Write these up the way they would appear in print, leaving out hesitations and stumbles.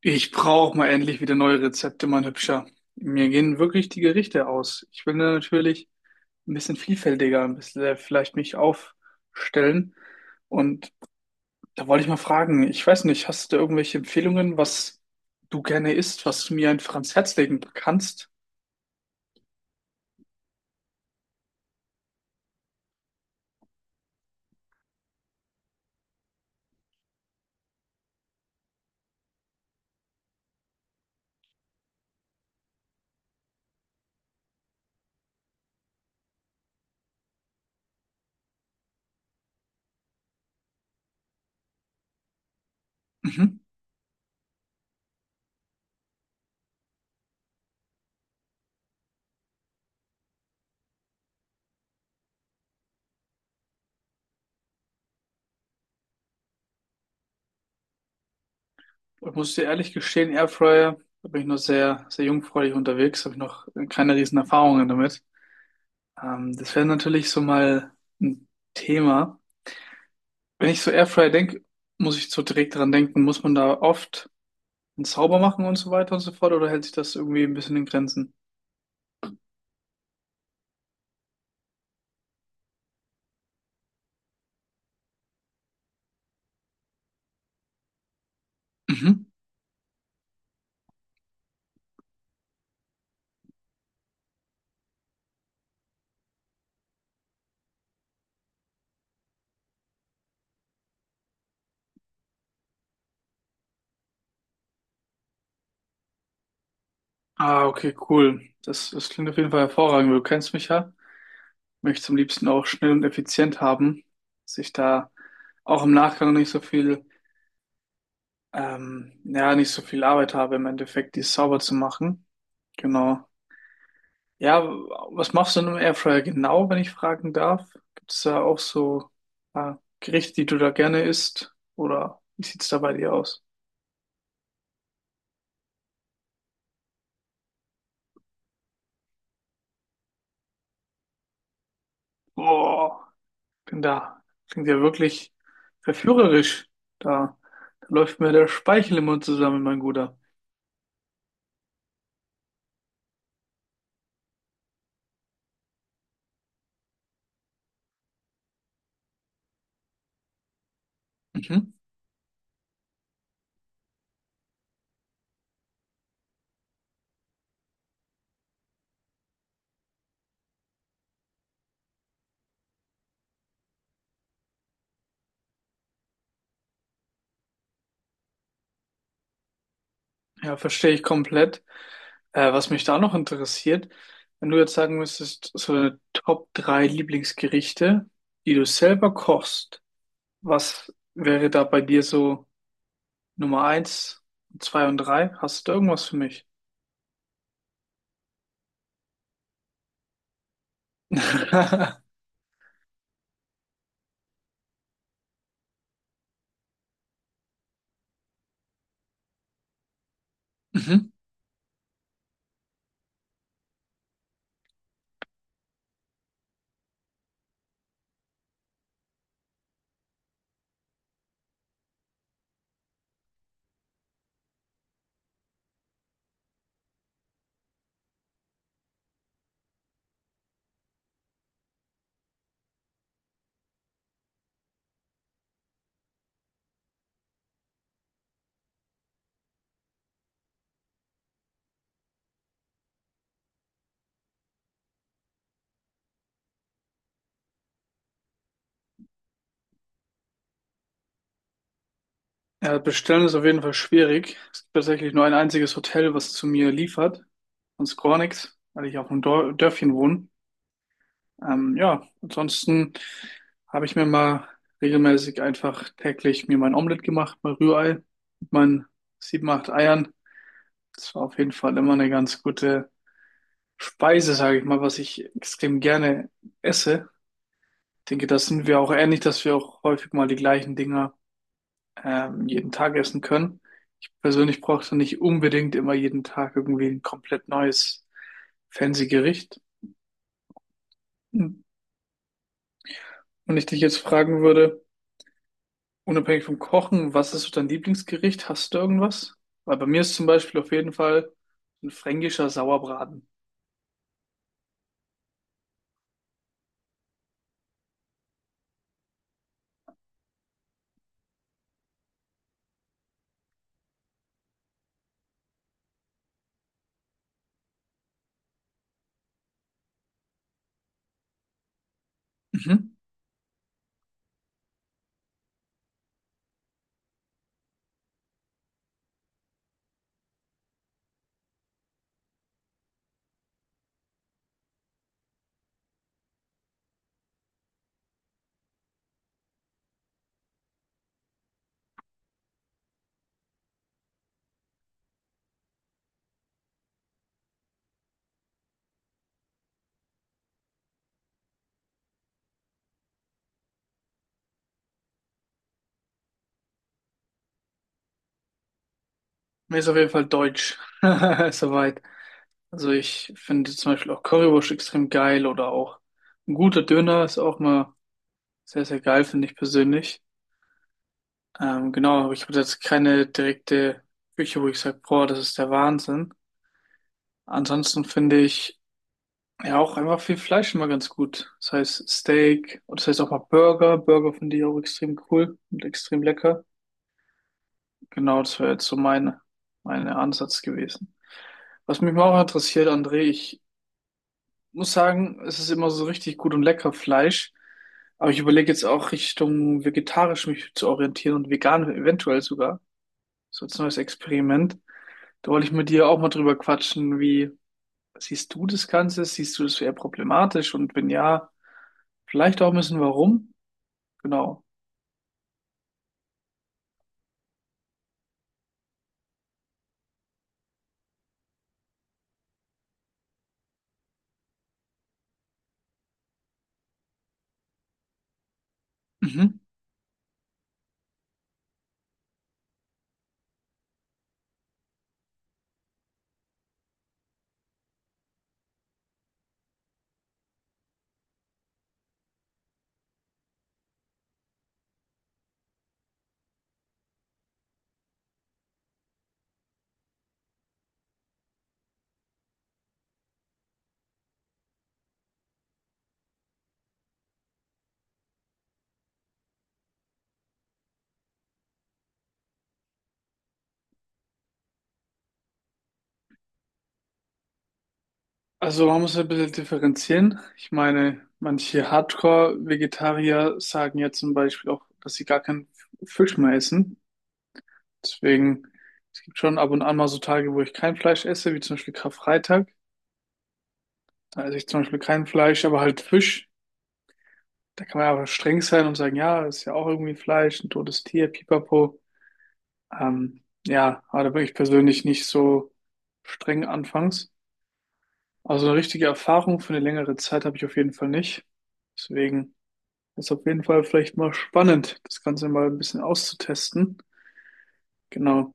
Ich brauche mal endlich wieder neue Rezepte, mein Hübscher. Mir gehen wirklich die Gerichte aus. Ich will natürlich ein bisschen vielfältiger, ein bisschen vielleicht mich aufstellen. Und da wollte ich mal fragen, ich weiß nicht, hast du da irgendwelche Empfehlungen, was du gerne isst, was du mir einfach ans Herz legen kannst? Mhm. Ich muss dir ehrlich gestehen, Airfryer, da bin ich noch sehr, sehr jungfräulich unterwegs, habe ich noch keine riesen Erfahrungen damit. Das wäre natürlich so mal ein Thema. Wenn ich so Airfryer denke, muss ich so direkt dran denken, muss man da oft einen Zauber machen und so weiter und so fort, oder hält sich das irgendwie ein bisschen in Grenzen? Mhm. Ah, okay, cool. Das klingt auf jeden Fall hervorragend. Du kennst mich ja. Möchte es am liebsten auch schnell und effizient haben, dass ich da auch im Nachgang nicht so viel, ja, nicht so viel Arbeit habe, im Endeffekt die sauber zu machen. Genau. Ja, was machst du in einem Airfryer genau, wenn ich fragen darf? Gibt es da auch so äh, Gerichte, die du da gerne isst? Oder wie sieht's da bei dir aus? Boah, bin da. Klingt ja wirklich verführerisch. Da, Da läuft mir der Speichel im Mund zusammen, mein Guter. Mhm. Ja, verstehe ich komplett. Was mich da noch interessiert, wenn du jetzt sagen müsstest, so deine Top 3 Lieblingsgerichte, die du selber kochst, was wäre da bei dir so? Nummer eins, zwei und drei. Hast du da irgendwas für mich? Mhm. Ja, bestellen ist auf jeden Fall schwierig. Es gibt tatsächlich nur ein einziges Hotel, was zu mir liefert. Sonst gar nichts, weil ich auf einem Dor Dörfchen wohne. Ja, ansonsten habe ich mir mal regelmäßig einfach täglich mir mein Omelett gemacht, mein Rührei mit meinen sieben, acht Eiern. Das war auf jeden Fall immer eine ganz gute Speise, sage ich mal, was ich extrem gerne esse. Ich denke, das sind wir auch ähnlich, dass wir auch häufig mal die gleichen Dinge jeden Tag essen können. Ich persönlich brauche nicht unbedingt immer jeden Tag irgendwie ein komplett neues fancy Gericht. Hm. Wenn ich dich jetzt fragen würde, unabhängig vom Kochen, was ist so dein Lieblingsgericht? Hast du irgendwas? Weil bei mir ist zum Beispiel auf jeden Fall ein fränkischer Sauerbraten. Mhm. Mir ist auf jeden Fall deutsch. Soweit. Also ich finde zum Beispiel auch Currywurst extrem geil oder auch ein guter Döner ist auch mal sehr, sehr geil, finde ich persönlich. Genau, aber ich habe jetzt keine direkte Küche, wo ich sage, boah, das ist der Wahnsinn. Ansonsten finde ich ja auch einfach viel Fleisch immer ganz gut. Das heißt Steak und das heißt auch mal Burger. Burger finde ich auch extrem cool und extrem lecker. Genau, das wäre jetzt so mein Ansatz gewesen. Was mich mal auch interessiert, André, ich muss sagen, es ist immer so richtig gut und lecker Fleisch. Aber ich überlege jetzt auch Richtung vegetarisch mich zu orientieren und vegan eventuell sogar. So als neues Experiment. Da wollte ich mit dir auch mal drüber quatschen, wie siehst du das Ganze? Siehst du das eher problematisch? Und wenn ja, vielleicht auch ein bisschen warum? Genau. Mhm. Also man muss ein bisschen differenzieren. Ich meine, manche Hardcore-Vegetarier sagen ja zum Beispiel auch, dass sie gar keinen Fisch mehr essen. Deswegen, es gibt schon ab und an mal so Tage, wo ich kein Fleisch esse, wie zum Beispiel Karfreitag. Da esse ich zum Beispiel kein Fleisch, aber halt Fisch. Da kann man aber streng sein und sagen, ja, ist ja auch irgendwie Fleisch, ein totes Tier, pipapo. Ja, aber da bin ich persönlich nicht so streng anfangs. Also eine richtige Erfahrung für eine längere Zeit habe ich auf jeden Fall nicht. Deswegen ist auf jeden Fall vielleicht mal spannend, das Ganze mal ein bisschen auszutesten. Genau.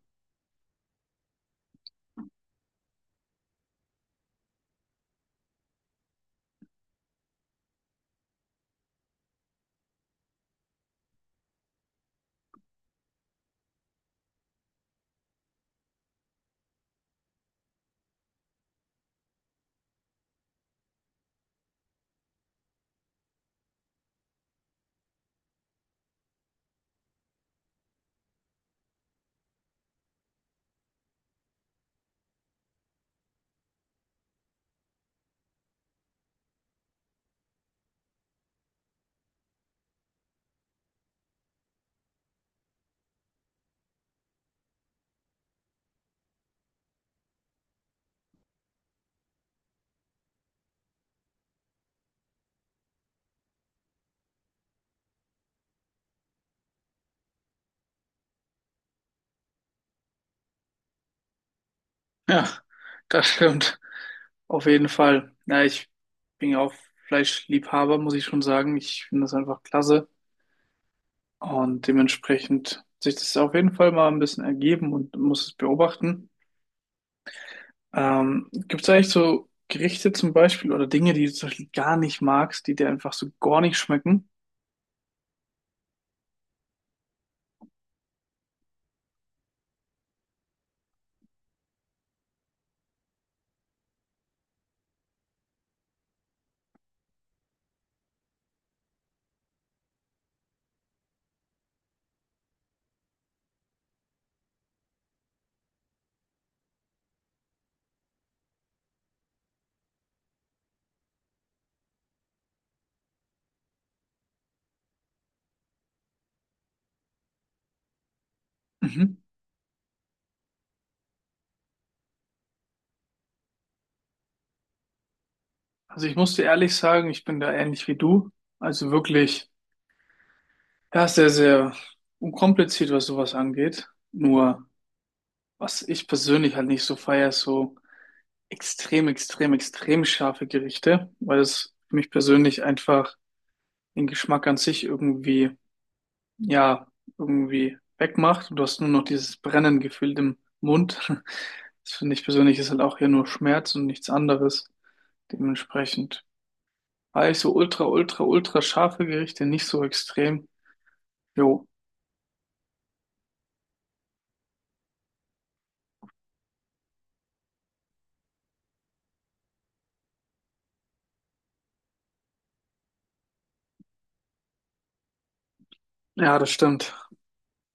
Ja, das stimmt. Auf jeden Fall. Ja, ich bin ja auch Fleischliebhaber, muss ich schon sagen. Ich finde das einfach klasse. Und dementsprechend hat sich das auf jeden Fall mal ein bisschen ergeben und muss es beobachten. Gibt es eigentlich so Gerichte zum Beispiel oder Dinge, die du zum Beispiel gar nicht magst, die dir einfach so gar nicht schmecken? Mhm. Also ich muss dir ehrlich sagen, ich bin da ähnlich wie du. Also wirklich, ja, sehr, sehr unkompliziert, was sowas angeht. Nur, was ich persönlich halt nicht so feiere, ist so extrem, extrem, extrem scharfe Gerichte, weil es für mich persönlich einfach den Geschmack an sich irgendwie ja irgendwie wegmacht und du hast nur noch dieses brennende Gefühl im Mund. Das finde ich persönlich ist halt auch hier nur Schmerz und nichts anderes. Dementsprechend war ich so ultra, ultra, ultra scharfe Gerichte nicht so extrem. Jo, ja, das stimmt.